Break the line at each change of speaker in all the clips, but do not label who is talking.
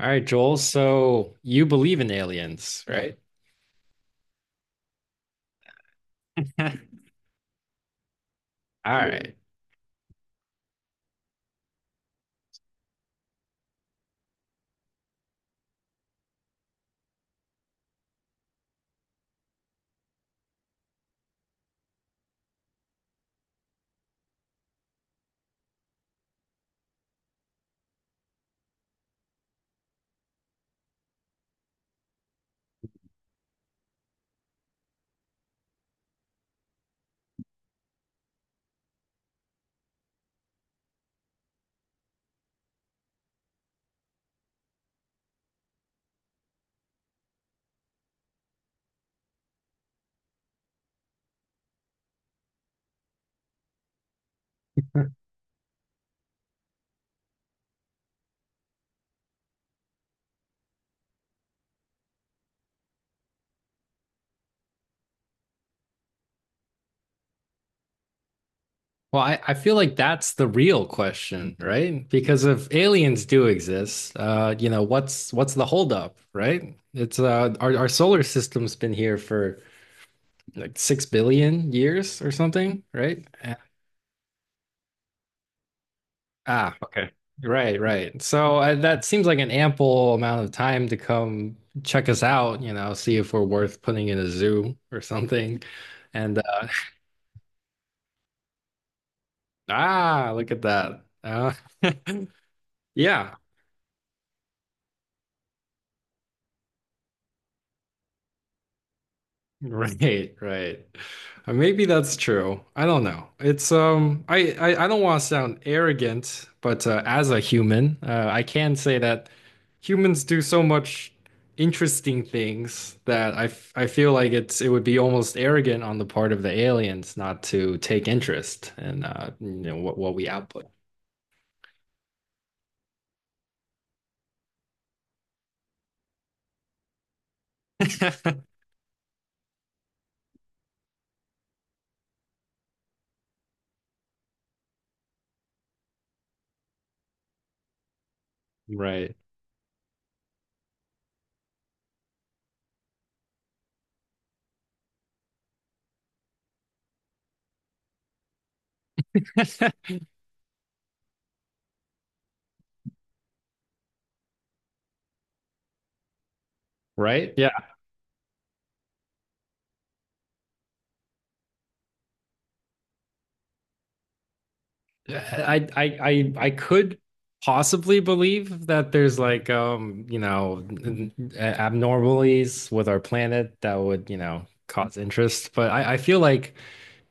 All right, Joel. So you believe in aliens, right? All right. Well, I feel like that's the real question, right? Because if aliens do exist, you know, what's the holdup, right? It's our solar system's been here for like 6 billion years or something, right? Ah, okay. Right, right. So that seems like an ample amount of time to come check us out, you know, see if we're worth putting in a zoo or something. And Ah, look at that. Yeah, right, right. Maybe that's true. I don't know. It's I don't want to sound arrogant, but as a human, I can say that humans do so much interesting things that I feel like it would be almost arrogant on the part of the aliens not to take interest in you know what we output. Right. Right? Yeah. I could possibly believe that there's like you know abnormalities with our planet that would you know cause interest, but I feel like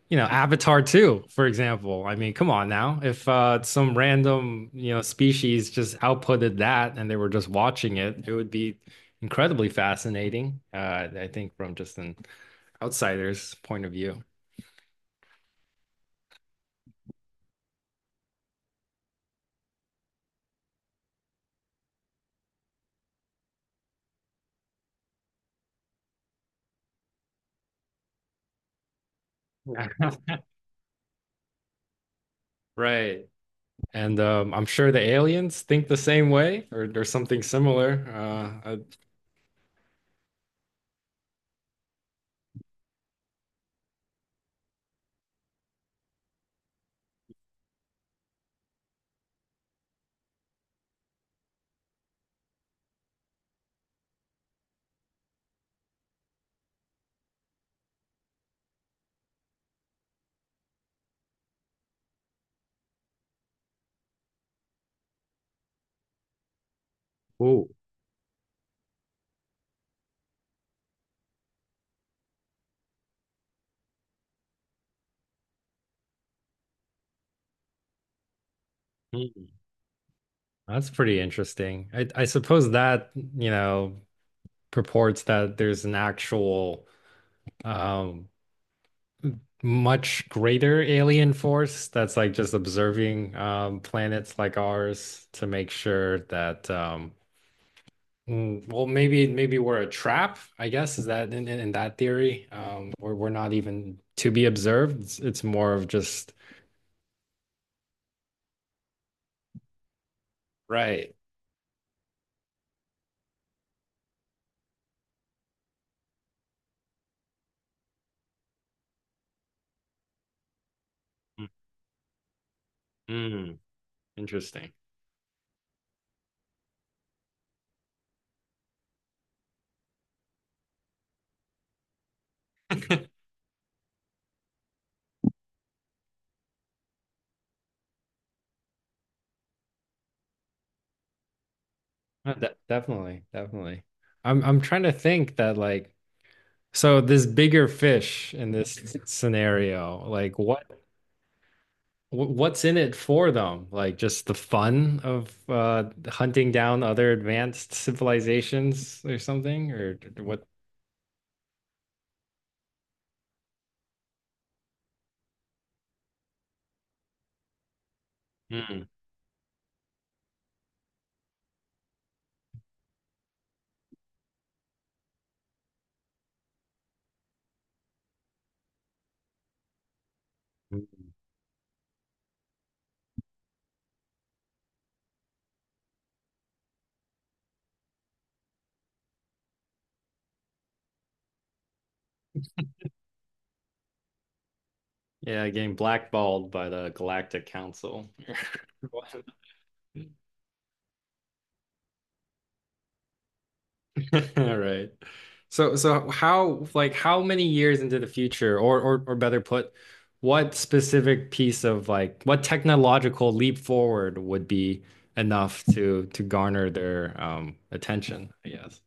you know Avatar 2, for example. I mean, come on now. If some random you know species just outputted that and they were just watching it, it would be incredibly fascinating. I think from just an outsider's point of view. Right. And I'm sure the aliens think the same way or something similar. Ooh. Hmm. That's pretty interesting. I suppose that, you know, purports that there's an actual um, much greater alien force that's like just observing planets like ours to make sure that, well, maybe we're a trap, I guess, is that in that theory? We're not even to be observed. It's more of just. Right. Mm, interesting. Definitely, definitely. I'm trying to think that like so this bigger fish in this scenario, like what's in it for them? Like just the fun of hunting down other advanced civilizations or something what? Mm. Yeah, getting blackballed by the Galactic Council. All right. So how like how many years into the future or better put, what specific piece of like what technological leap forward would be enough to garner their attention, I guess.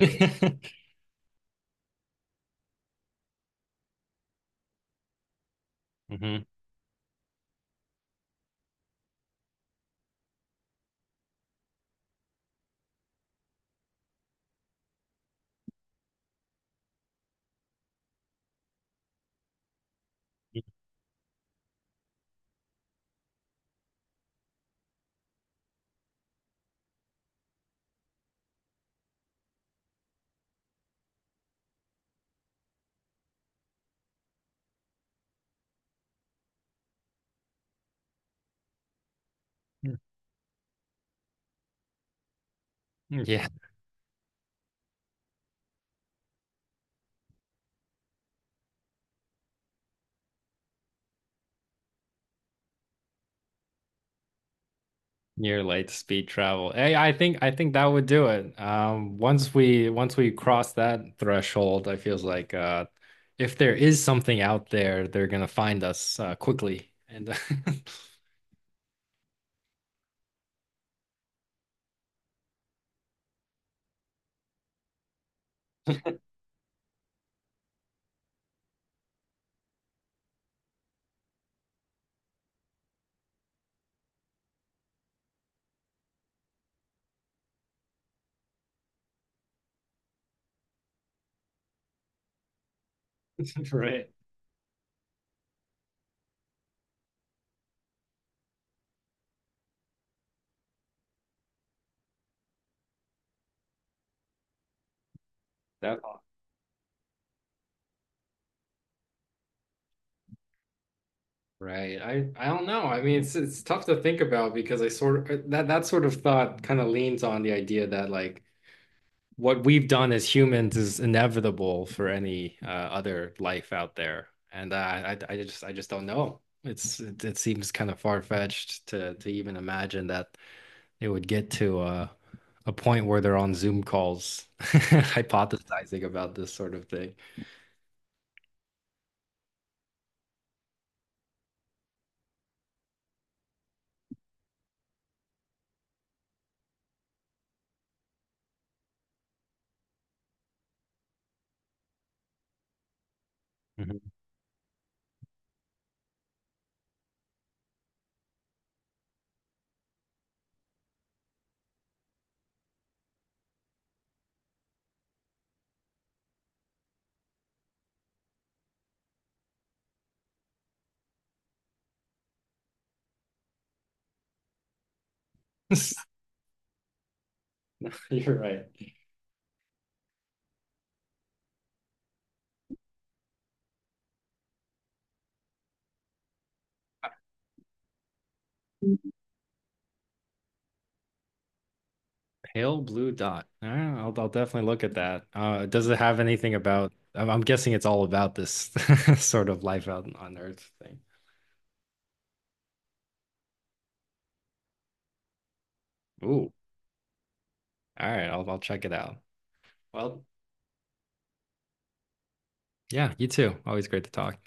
Hmm. Yeah. Near light speed travel. Hey, I think that would do it. Once we cross that threshold, I feels like if there is something out there, they're gonna find us quickly. And right, that right. I don't know. I mean, it's tough to think about because I sort of that sort of thought kind of leans on the idea that like what we've done as humans is inevitable for any other life out there, and I just don't know. It seems kind of far-fetched to even imagine that it would get to a point where they're on Zoom calls hypothesizing about this sort of thing. Mhm. You're right. Pale blue dot. All right, I'll definitely look at that. Does it have anything about? I'm guessing it's all about this sort of life out on Earth thing. Ooh. All right, I'll check it out. Well, yeah, you too. Always great to talk.